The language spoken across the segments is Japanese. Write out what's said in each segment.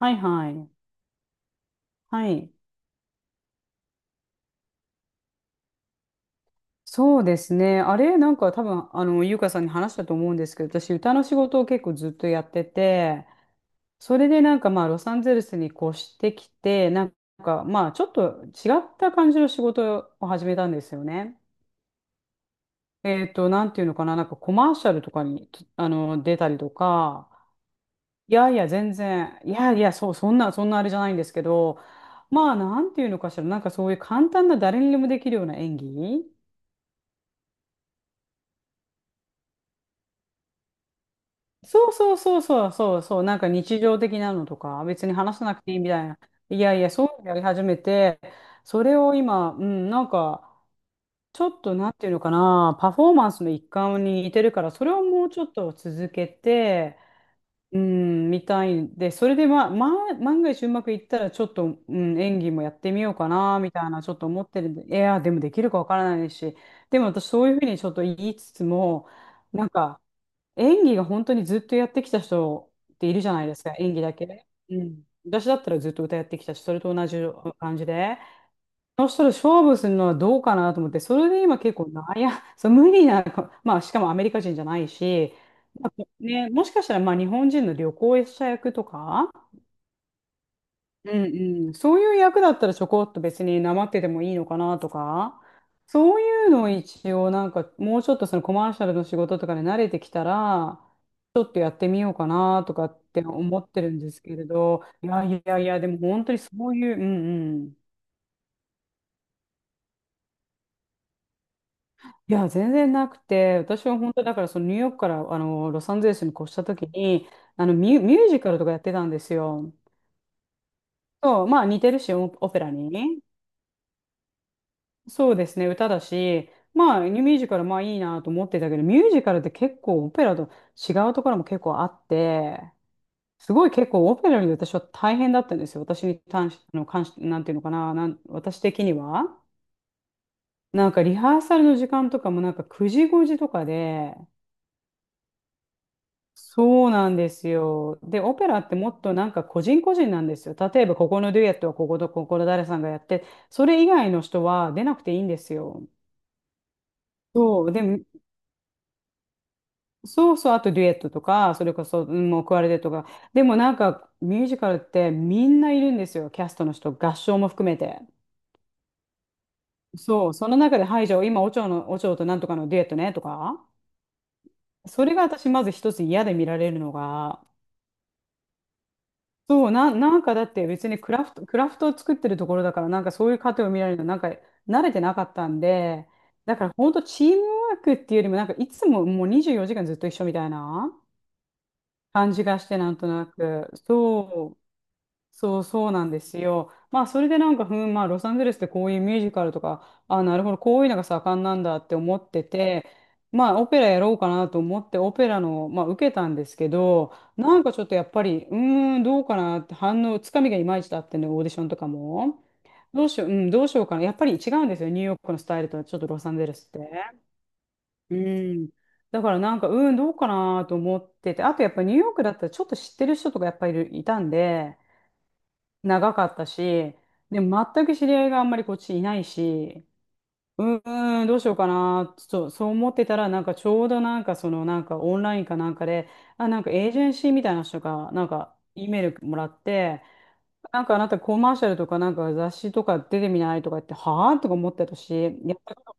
はいはい。はい。そうですね。あれ、なんか多分、ゆうかさんに話したと思うんですけど、私、歌の仕事を結構ずっとやってて、それでなんかまあ、ロサンゼルスに越してきて、なんかまあ、ちょっと違った感じの仕事を始めたんですよね。なんていうのかな、なんかコマーシャルとかに、出たりとか、いやいや、全然、いやいや、そう、そんなあれじゃないんですけど、まあ、なんていうのかしら、なんかそういう簡単な誰にでもできるような演技。そうそうそうそうそうそう、なんか日常的なのとか、別に話さなくていいみたいな。いやいや、そういうのやり始めて、それを今、うん、なんか、ちょっとなんていうのかな、パフォーマンスの一環に似てるから、それをもうちょっと続けて、うん、みたいんで、それで、まあ、万が一うまくいったら、ちょっと、うん、演技もやってみようかな、みたいな、ちょっと思ってるんで、いや、でもできるかわからないし、でも私、そういうふうにちょっと言いつつも、なんか、演技が本当にずっとやってきた人っているじゃないですか、演技だけ。うん。私だったらずっと歌やってきたし、それと同じ感じで。そしたら勝負するのはどうかなと思って、それで今結構悩ん、そう、無理な、まあしかもアメリカ人じゃないし、まあね、もしかしたらまあ日本人の旅行者役とか、うんうん、そういう役だったらちょこっと別になまっててもいいのかなとか、そういうのを一応なんかもうちょっとそのコマーシャルの仕事とかで慣れてきたら、ちょっとやってみようかなとかって思ってるんですけれど、いやいやいや、でも本当にそういう、うんうん。いや、全然なくて、私は本当だからそのニューヨークからロサンゼルスに越した時に、ミュージカルとかやってたんですよ。そう、まあ似てるし、オオペラに。そうですね、歌だし、まあ、ミュージカル、まあいいなと思ってたけど、ミュージカルって結構オペラと違うところも結構あって、すごい結構オペラより私は大変だったんですよ。私に関し、なんていうのかな、私的には。なんかリハーサルの時間とかもなんか9時5時とかで、そうなんですよ。で、オペラってもっとなんか個人個人なんですよ。例えばここのデュエットはこことここの誰さんがやって、それ以外の人は出なくていいんですよ。そう、でそうそう、あとデュエットとか、それこそ、うん、もうクワルテットとか。でもなんか、ミュージカルってみんないるんですよ、キャストの人、合唱も含めて。そう、その中で、はい、じゃあ今、オチョとなんとかのデュエットね、とか。それが私、まず一つ嫌で見られるのが、そう、なんかだって別にクラフトを作ってるところだから、なんかそういう過程を見られるの、なんか慣れてなかったんで、だから本当チームワークっていうよりも、なんかいつももう24時間ずっと一緒みたいな。感じがして、なんとなく。そうそうそうなんですよ。まあそれでなんか、ふん、まあロサンゼルスってこういうミュージカルとか、あ、なるほど、こういうのが盛んなんだって思ってて、まあオペラやろうかなと思ってオペラの、まあ、受けたんですけど、なんかちょっとやっぱり、うーん、どうかなって反応、つかみがいまいちだってね、オーディションとかも。どうしよう、うん、どうしようかな。やっぱり違うんですよ、ニューヨークのスタイルとはちょっとロサンゼルスって。うん。だからなんか、うん、どうかなと思ってて、あとやっぱニューヨークだったらちょっと知ってる人とかやっぱりいたんで、長かったし、でも全く知り合いがあんまりこっちいないし、うーん、どうしようかな、ちょっとそう思ってたら、なんかちょうどなんかそのなんかオンラインかなんかで、あ、なんかエージェンシーみたいな人が、なんか E メールもらって、なんかあなたコマーシャルとかなんか雑誌とか出てみないとか言って、はぁとか思ってたし、やったこと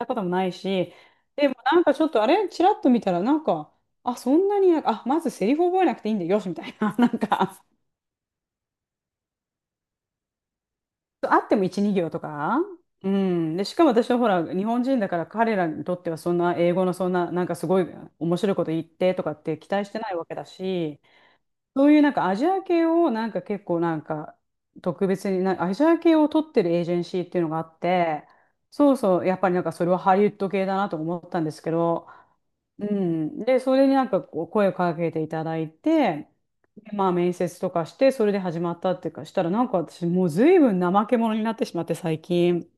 やったこともないし、でもなんかちょっとあれ、ちらっと見たらなんか、あ、そんなに、あ、まずセリフ覚えなくていいんだよ、よし、みたいな、なんかあっても1、2行とか。うん。で、しかも私はほら、日本人だから彼らにとってはそんな英語のそんな、なんかすごい面白いこと言ってとかって期待してないわけだし、そういうなんかアジア系をなんか結構なんか特別にアジア系を取ってるエージェンシーっていうのがあって、そうそう、やっぱりなんかそれはハリウッド系だなと思ったんですけど、うん。で、それになんかこう声をかけていただいて、でまあ面接とかして、それで始まったっていうか、したらなんか私もう随分怠け者になってしまって最近。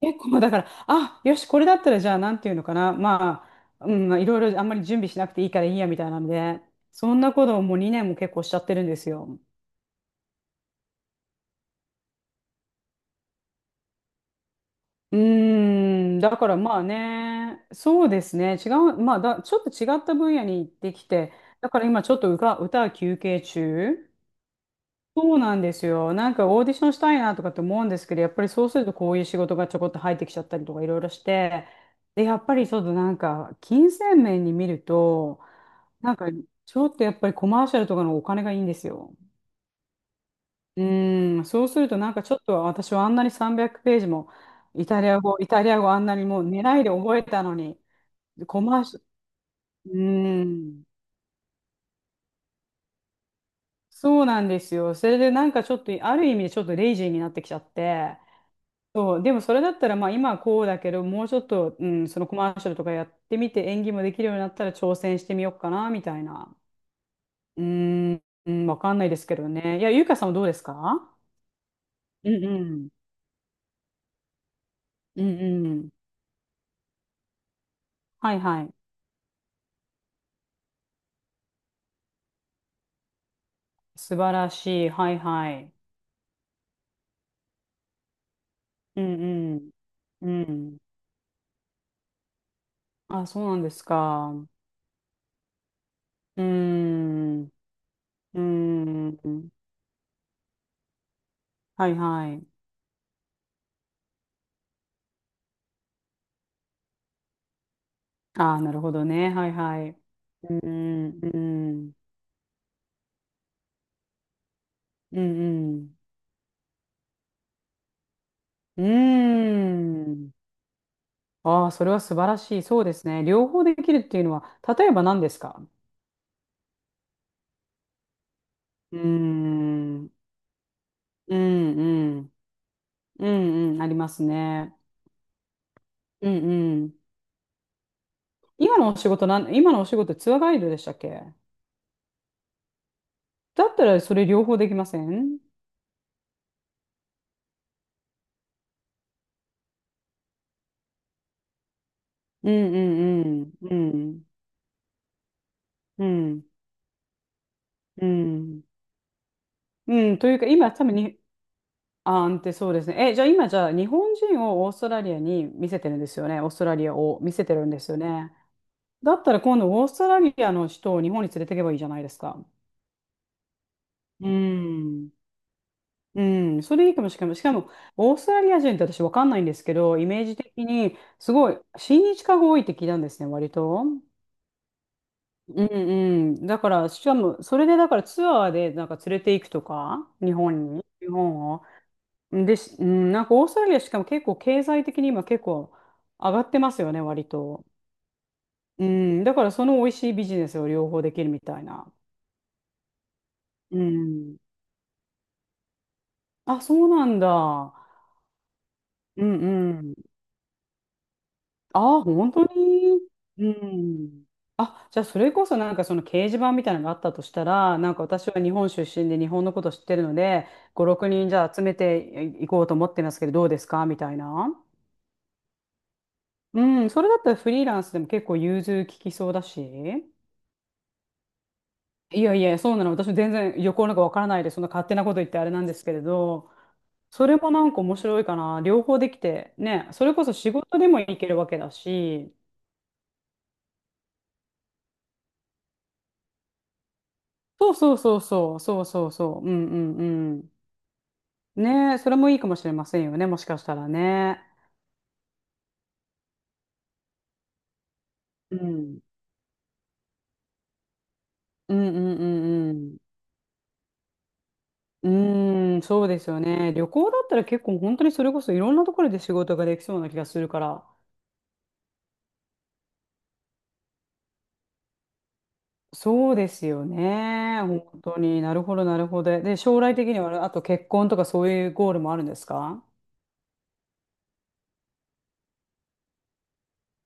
結構だから、あ、よし、これだったらじゃあなんていうのかな。まあ、うん、まあいろいろあんまり準備しなくていいからいいやみたいなので、そんなことをもう2年も結構しちゃってるんですよ。うーん、だからまあね、そうですね、違う、まあだ、ちょっと違った分野に行ってきて、だから今ちょっとうか歌は休憩中。そうなんですよ。なんかオーディションしたいなとかって思うんですけど、やっぱりそうするとこういう仕事がちょこっと入ってきちゃったりとかいろいろして、で、やっぱりちょっとなんか金銭面に見ると、なんかちょっとやっぱりコマーシャルとかのお金がいいんですよ。うーん、そうするとなんかちょっと私はあんなに300ページもイタリア語あんなにもう狙いで覚えたのに、コマーシャル、うーん、そうなんですよ。それでなんかちょっとある意味でちょっとレイジーになってきちゃって、そう、でもそれだったら、まあ今はこうだけど、もうちょっと、うん、そのコマーシャルとかやってみて、演技もできるようになったら挑戦してみようかな、みたいな。うーん、うん、わかんないですけどね。いや、ゆうかさんはどうですか？うんうん。うんうん。はいはい。素晴らしい。はいはい。うんうん。うん。あ、そうなんですか。うーん。うーん。はいはい。ああ、なるほどね。はいはい。うんうん。うんうん。うーん。ああ、それは素晴らしい。そうですね。両方できるっていうのは、例えば何ですか？うーん。うんうん。うんうん。ありますね。うんうん。今のお仕事なん、今のお仕事ツアーガイドでしたっけ？だったらそれ両方できません？うんうんうん。うん。うん。うん。というか、今多分に、あーんってそうですね。え、じゃあ今じゃあ日本人をオーストラリアに見せてるんですよね。オーストラリアを見せてるんですよね。だったら今度オーストラリアの人を日本に連れてけばいいじゃないですか。うん。うん、それいいかもしれない。しかも、オーストラリア人って私わかんないんですけど、イメージ的にすごい親日家が多いって聞いたんですね、割と。うんうん。だから、しかも、それでだからツアーでなんか連れて行くとか、日本に、日本を。で、しうん、なんかオーストラリア、しかも結構経済的に今結構上がってますよね、割と。うん、だからその美味しいビジネスを両方できるみたいな。うん。あ、そうなんだ。うんうん。ああ、本当に？うん。あ、じゃあそれこそなんかその掲示板みたいなのがあったとしたら、なんか私は日本出身で日本のこと知ってるので、5、6人じゃあ集めていこうと思ってますけど、どうですかみたいな。うん、それだったらフリーランスでも結構融通利きそうだし。いやいや、そうなの。私も全然旅行なんかわからないで、そんな勝手なこと言ってあれなんですけれど、それもなんか面白いかな。両方できて、ね、それこそ仕事でもいけるわけだし、そうそうそうそうそうそうそう。うんうんうん。ねえ、それもいいかもしれませんよね、もしかしたらね。うん。うんうんうんうん。うーん、そうですよね。旅行だったら結構本当にそれこそいろんなところで仕事ができそうな気がするから。そうですよね。本当になるほどなるほど。で、将来的にはあと結婚とかそういうゴールもあるんですか？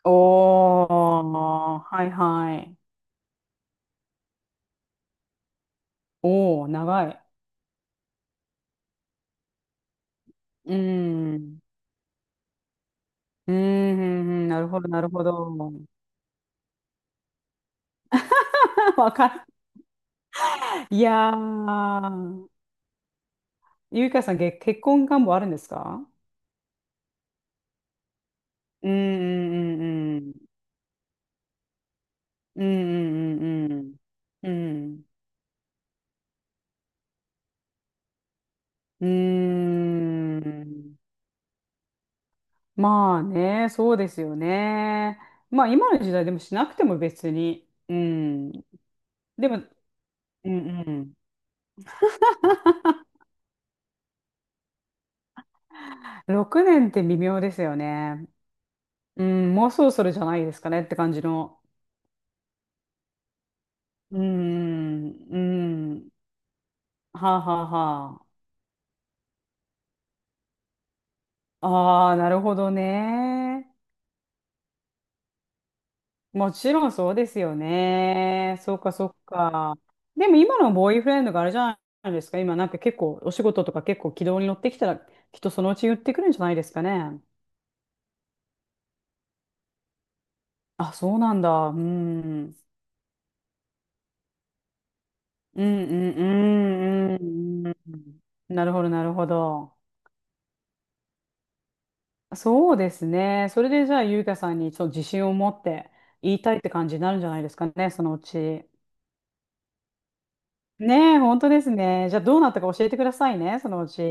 おー、はいはい。おー、長い。うーん、うんうんなるほどなるほど。わかんない。いやー、ゆいかさん、げ結婚願望あるんですか？うんうんうんうんうんうんうんうんうん。まあね、そうですよね。まあ今の時代でもしなくても別に。うん。でも、うん、6年って微妙ですよね。うん、もうそろそろじゃないですかねって感じの。うんうん。はあはあ。はあ。あなるほどね。もちろんそうですよね。そっかそっか。でも今のボーイフレンドがあれじゃないですか。今なんか結構お仕事とか結構軌道に乗ってきたら、きっとそのうち言ってくるんじゃないですかね。あ、そうなんだ。うん。うんうんうんうんうん。なるほどなるほど。そうですね。それでじゃあゆう香さんにちょっと自信を持って言いたいって感じになるんじゃないですかね、そのうち。ねえ、本当ですね。じゃあどうなったか教えてくださいね、そのうち。